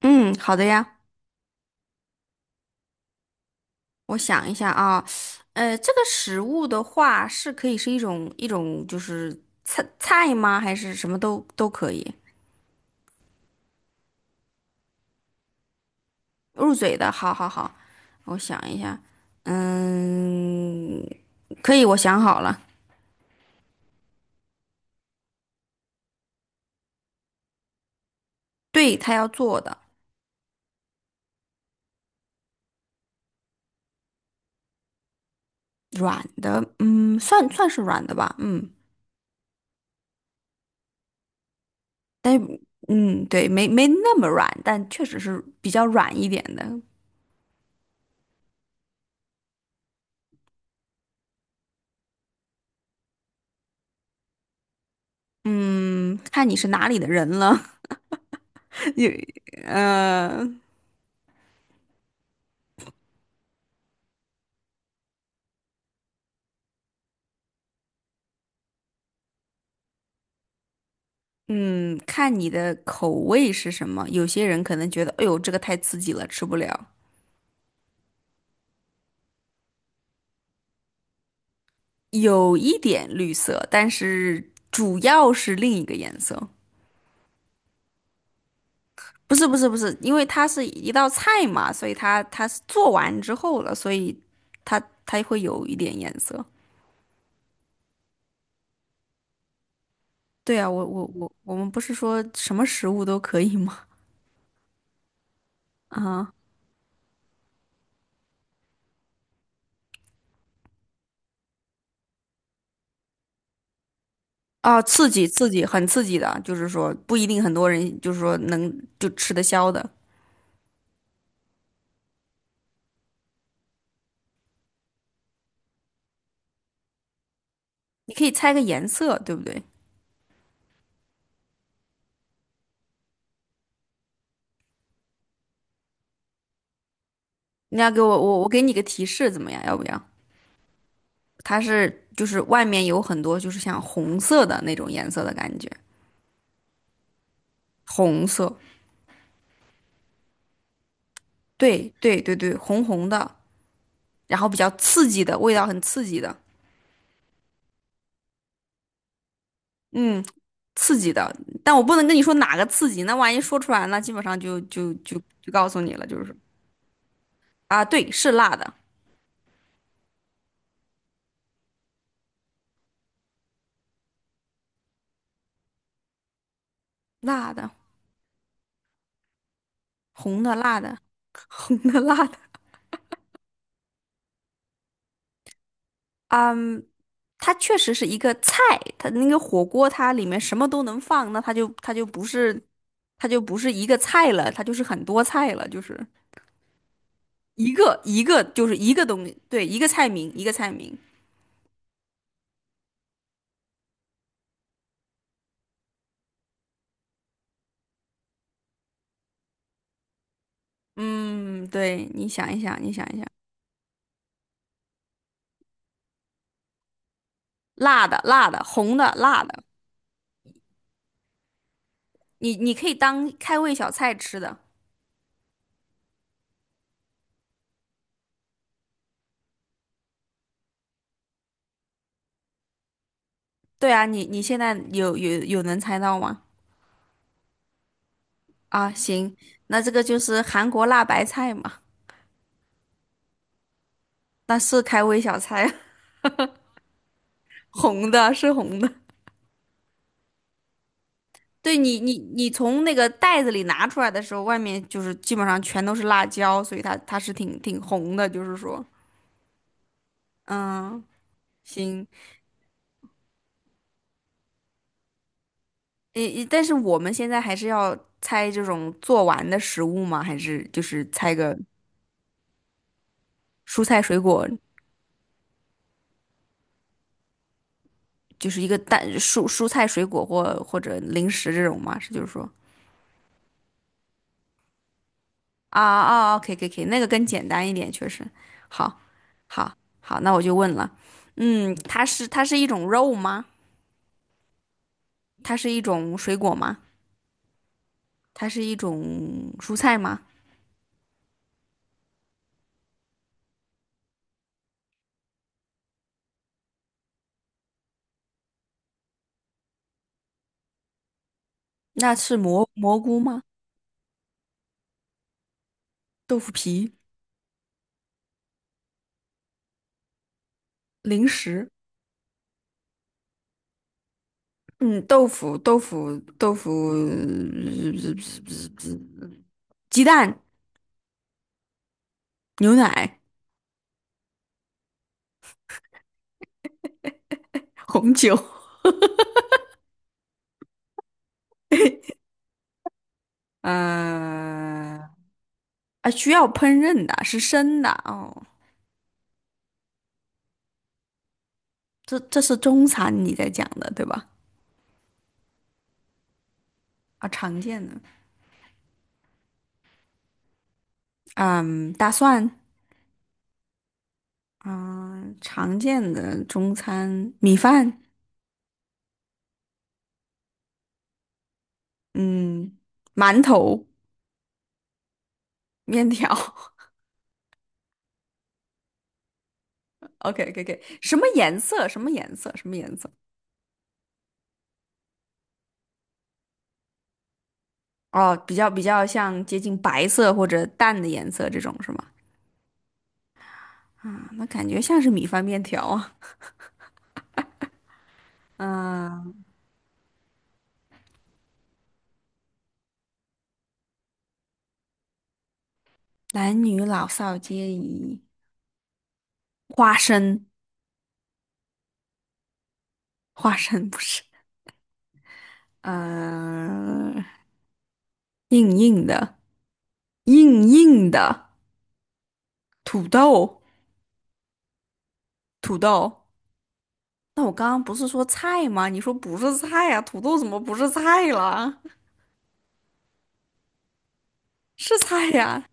嗯，好的呀，我想一下啊，这个食物的话是可以是一种就是菜吗？还是什么都可以入嘴的？好好好，我想一下，嗯，可以，我想好了，对，他要做的软的，嗯，算是软的吧，嗯，但是嗯，对，没那么软，但确实是比较软一点的，嗯，看你是哪里的人了，有，呃。嗯，看你的口味是什么。有些人可能觉得，哎呦，这个太刺激了，吃不了。有一点绿色，但是主要是另一个颜色。不是，因为它是一道菜嘛，所以它是做完之后了，所以它它会有一点颜色。对啊，我们不是说什么食物都可以吗？啊啊，刺激刺激，很刺激的，就是说不一定很多人就是说能就吃得消的。你可以猜个颜色，对不对？你要给我，我给你个提示怎么样？要不要？它是就是外面有很多就是像红色的那种颜色的感觉，红色，对对对对，红红的，然后比较刺激的味道，很刺激的，嗯，刺激的。但我不能跟你说哪个刺激，那万一说出来，那基本上就告诉你了，就是啊，对，是辣的，辣的，红的辣的，红的辣的。嗯，它确实是一个菜，它那个火锅它里面什么都能放，那它就不是它就不是一个菜了，它就是很多菜了，就是一个就是一个东西，对，一个菜名一个菜名。嗯，对，你想一想，你想一想，辣的辣的，红的辣的，你可以当开胃小菜吃的。对啊，你现在有能猜到吗？啊，行，那这个就是韩国辣白菜嘛，那是开胃小菜啊。红的，是红的。对你，你从那个袋子里拿出来的时候，外面就是基本上全都是辣椒，所以它是挺红的，就是说，嗯，行，诶，但是我们现在还是要猜这种做完的食物吗？还是就是猜个蔬菜水果，就是一个蔬菜水果或者零食这种吗？是就是说，啊啊啊，可以可以可以，那个更简单一点，确实，好，好，好，那我就问了，嗯，它是一种肉吗？它是一种水果吗？它是一种蔬菜吗？那是蘑菇吗？豆腐皮、零食，嗯，豆腐，鸡蛋、牛奶、红酒，呃，啊，需要烹饪的，是生的哦。这这是中餐你在讲的对吧？啊，常见的，嗯，大蒜，嗯，常见的中餐米饭。嗯，馒头、面条。OK OK OK 什么颜色？什么颜色？什么颜色？哦，比较像接近白色或者淡的颜色这种是吗？啊，那感觉像是米饭面条啊。嗯，男女老少皆宜。花生，花生不是。嗯，硬硬的，硬硬的土豆，土豆。那我刚刚不是说菜吗？你说不是菜呀、土豆怎么不是菜了？是菜呀、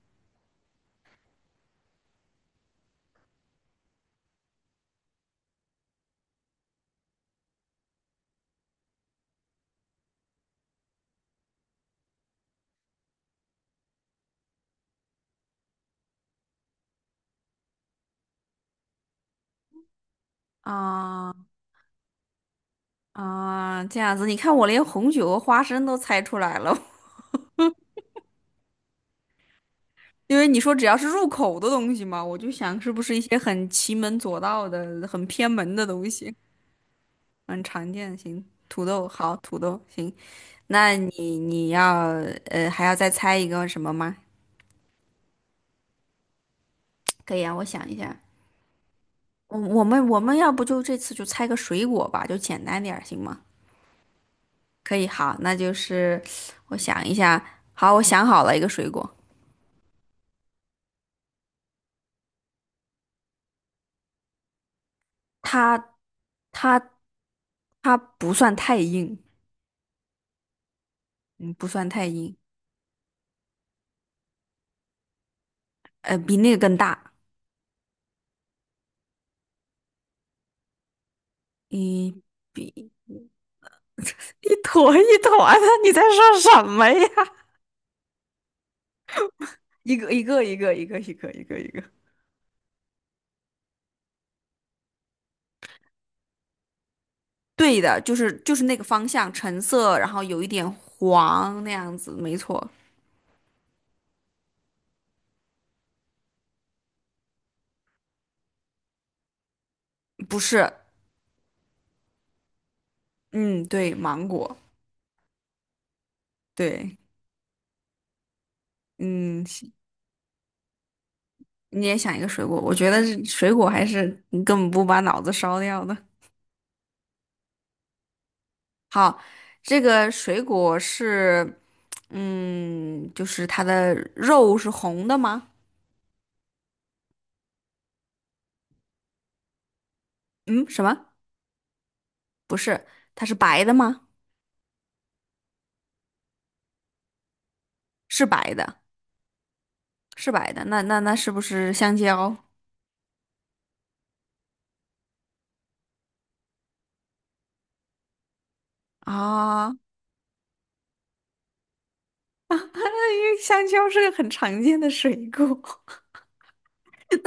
啊啊，这样子，你看我连红酒和花生都猜出来了，因为你说只要是入口的东西嘛，我就想是不是一些很奇门左道的、很偏门的东西，很常见。行，土豆好，土豆行，那你要还要再猜一个什么吗？可以啊，我想一下，我们要不就这次就猜个水果吧，就简单点儿行吗？可以，好，那就是我想一下，好，我想好了一个水果。它它它不算太硬，嗯，不算太硬，呃，比那个更大，一比一坨一坨的，你在说什么呀？一个，对的，就是就是那个方向，橙色，然后有一点黄那样子，没错，不是，嗯，对，芒果，对，嗯，行，你也想一个水果，我觉得是水果还是你根本不把脑子烧掉的。好，这个水果是，嗯，就是它的肉是红的吗？嗯，什么？不是，它是白的吗？是白的，是白的。那是不是香蕉啊？因为香蕉是个很常见的水果。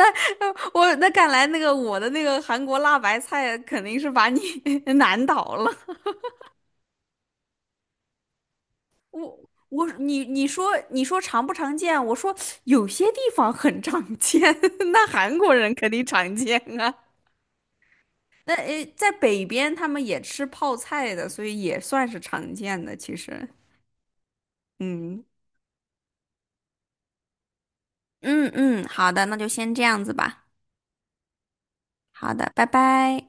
我那看来那个我的那个韩国辣白菜肯定是把你 难倒了。我我你你说你说常不常见？我说有些地方很常见，那韩国人肯定常见啊。那诶，在北边他们也吃泡菜的，所以也算是常见的。其实，嗯嗯，好的，那就先这样子吧。好的，拜拜。